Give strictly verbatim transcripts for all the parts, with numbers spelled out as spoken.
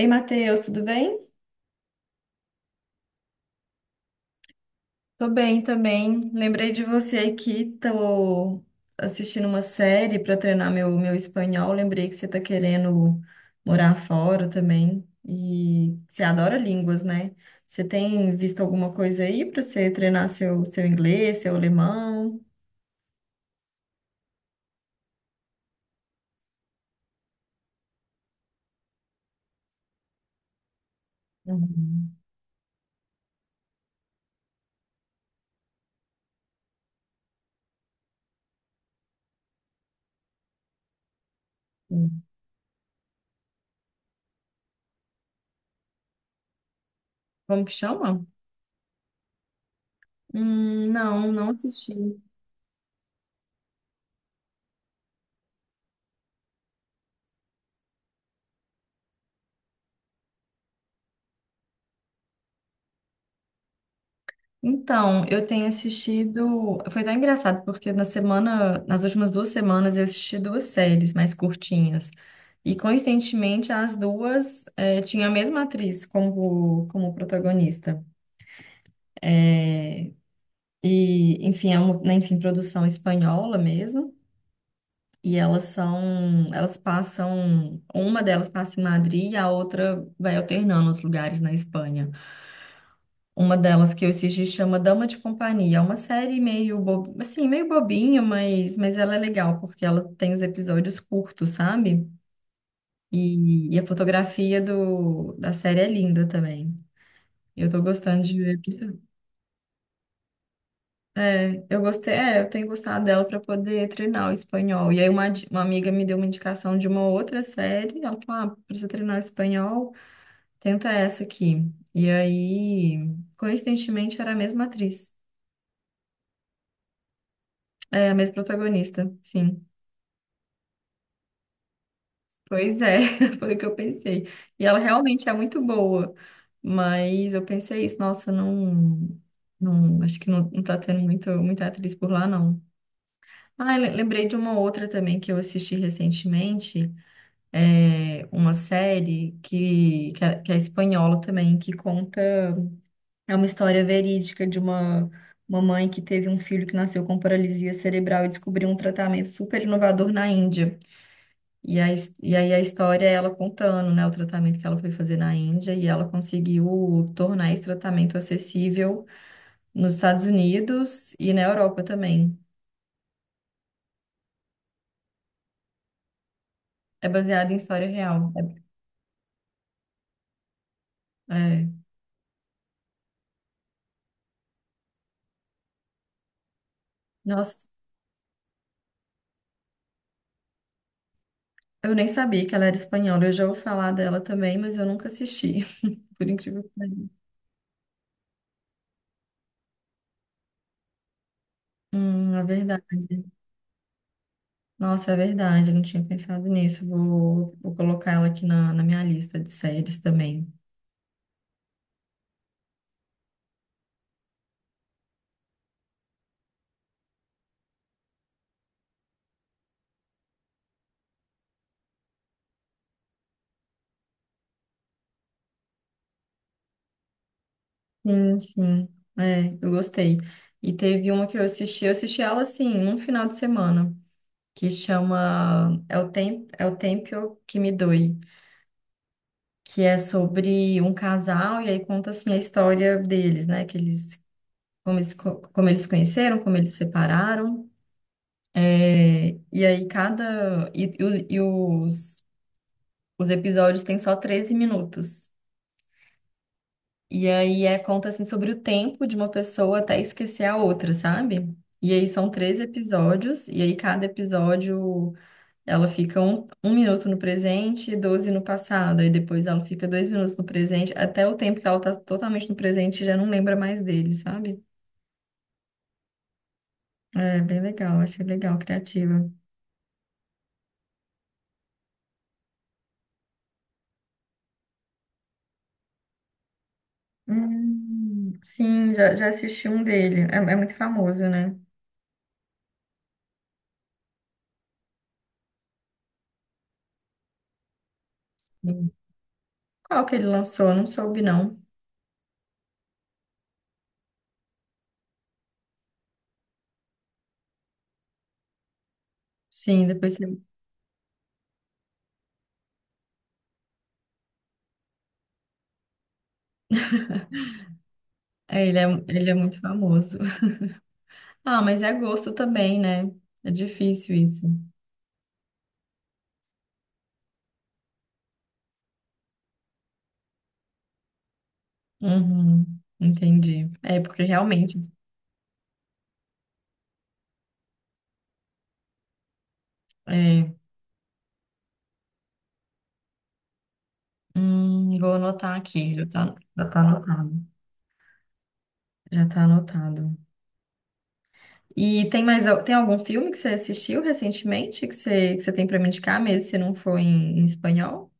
Ei, Matheus, tudo bem? Tô bem também. Lembrei de você aqui, tô assistindo uma série para treinar meu, meu espanhol. Lembrei que você tá querendo morar fora também. E você adora línguas, né? Você tem visto alguma coisa aí para você treinar seu, seu inglês, seu alemão? Uhum. Como que chama? Hum, não, não assisti. Então, eu tenho assistido. Foi tão engraçado, porque na semana, nas últimas duas semanas, eu assisti duas séries mais curtinhas. E coincidentemente, as duas eh, tinham a mesma atriz como, como protagonista. É, e, enfim, é uma, né, enfim, produção espanhola mesmo. E elas são, elas passam, uma delas passa em Madrid e a outra vai alternando os lugares na Espanha. Uma delas que eu assisti chama Dama de Companhia. É uma série meio bo... assim, meio bobinha, mas... mas ela é legal porque ela tem os episódios curtos, sabe? E, e a fotografia do... da série é linda também. Eu tô gostando de ver. É, eu gostei, é, eu tenho gostado dela para poder treinar o espanhol. E aí uma, di- uma amiga me deu uma indicação de uma outra série. Ela falou: "Ah, precisa treinar o espanhol, tenta essa aqui". E aí, coincidentemente, era a mesma atriz. É, a mesma protagonista, sim. Pois é, foi o que eu pensei. E ela realmente é muito boa, mas eu pensei isso, nossa, não, não, acho que não, não tá tendo muito, muita atriz por lá, não. Ah, le- lembrei de uma outra também que eu assisti recentemente, é uma série que, que é, que é espanhola também, que conta, é uma história verídica de uma uma mãe que teve um filho que nasceu com paralisia cerebral e descobriu um tratamento super inovador na Índia. E aí, e aí a história é ela contando, né, o tratamento que ela foi fazer na Índia e ela conseguiu tornar esse tratamento acessível nos Estados Unidos e na Europa também. É baseado em história real. É, é. Nossa, eu nem sabia que ela era espanhola. Eu já ouvi falar dela também, mas eu nunca assisti, por incrível que pareça. Hum, é verdade. Nossa, é verdade. Eu não tinha pensado nisso. Vou, vou colocar ela aqui na, na minha lista de séries também. Sim, sim. É, eu gostei. E teve uma que eu assisti, eu assisti ela assim, num final de semana, que chama É o Tempo, É o Tempo que me doe, que é sobre um casal e aí conta assim a história deles, né, que eles como eles, co- como eles se conheceram, como eles se separaram. É, e aí cada e, e os, e os os episódios têm só treze minutos. E aí é conta assim sobre o tempo de uma pessoa até esquecer a outra, sabe? E aí são três episódios, e aí cada episódio ela fica um, um minuto no presente e doze no passado. Aí depois ela fica dois minutos no presente, até o tempo que ela tá totalmente no presente já não lembra mais dele, sabe? É bem legal, achei legal, criativa. Hum, sim, já, já assisti um dele. É, é muito famoso, né? Sim. Qual que ele lançou? Eu não soube, não. Sim, depois você... É, ele é, ele é muito famoso. Ah, mas é gosto também, né? É difícil isso. Uhum, entendi. É, porque realmente. É, hum, vou anotar aqui, já tá, já tá anotado. Já tá anotado. E tem mais, al- tem algum filme que você assistiu recentemente que você, que você tem pra me indicar, mesmo se não for em, em espanhol?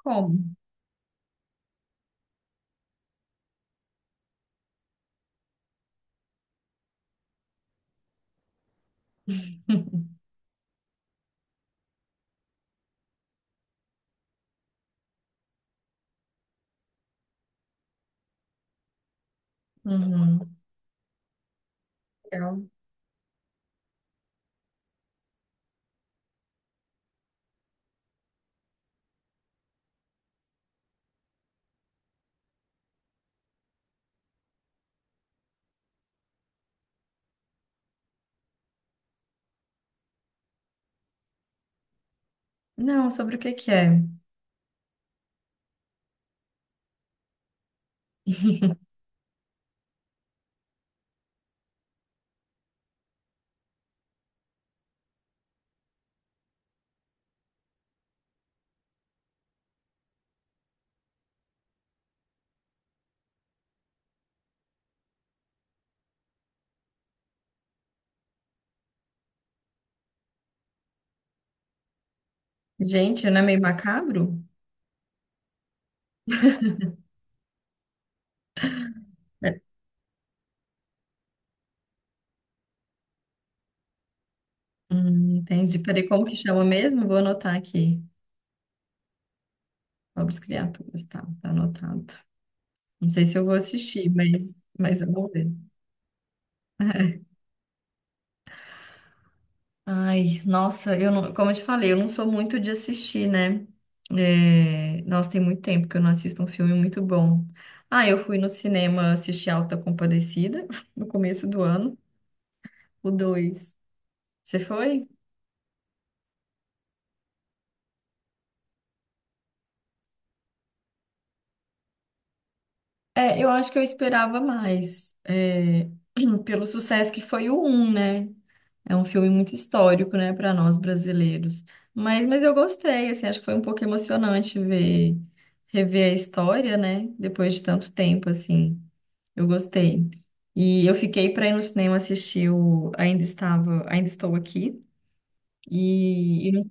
Como? Uhum, legal. Não, sobre o que que é? Gente, não é meio macabro? É. Hum, entendi. Peraí, como que chama mesmo? Vou anotar aqui. Pobres criaturas, tá, tá anotado. Não sei se eu vou assistir, mas, mas eu vou ver. Ai, nossa, eu não, como eu te falei, eu não sou muito de assistir, né? É, nossa, tem muito tempo que eu não assisto um filme muito bom. Ah, eu fui no cinema assistir Alta Compadecida no começo do ano, o dois. Você foi? É, eu acho que eu esperava mais, é, pelo sucesso que foi o um, né? É um filme muito histórico, né, para nós brasileiros. Mas, mas eu gostei, assim, acho que foi um pouco emocionante ver, rever a história, né, depois de tanto tempo, assim. Eu gostei. E eu fiquei para ir no cinema assistir o Ainda Estava, Ainda Estou Aqui. E, e não,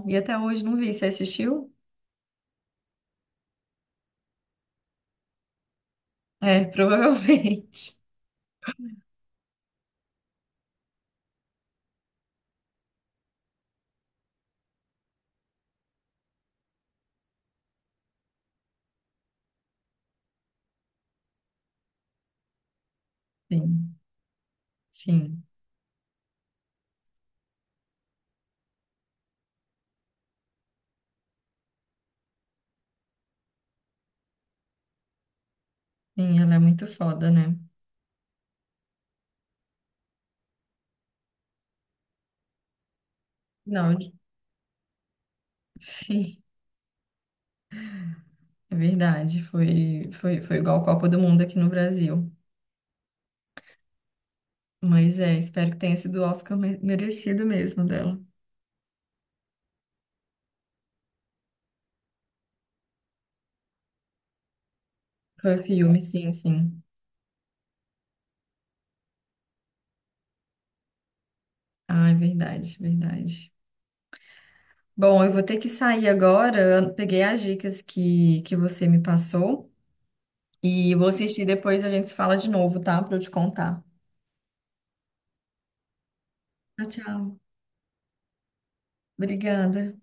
não, e até hoje não vi. Você assistiu? É, provavelmente. Sim, sim. Sim, ela é muito foda, né? Não, sim, é verdade. Foi, foi, foi igual a Copa do Mundo aqui no Brasil. Mas é, espero que tenha sido o Oscar me- merecido mesmo dela. Foi filme, sim, sim. Ah, é verdade, verdade. Bom, eu vou ter que sair agora. Eu peguei as dicas que, que você me passou e vou assistir depois a gente se fala de novo, tá? Pra eu te contar. Tchau, tchau. Obrigada.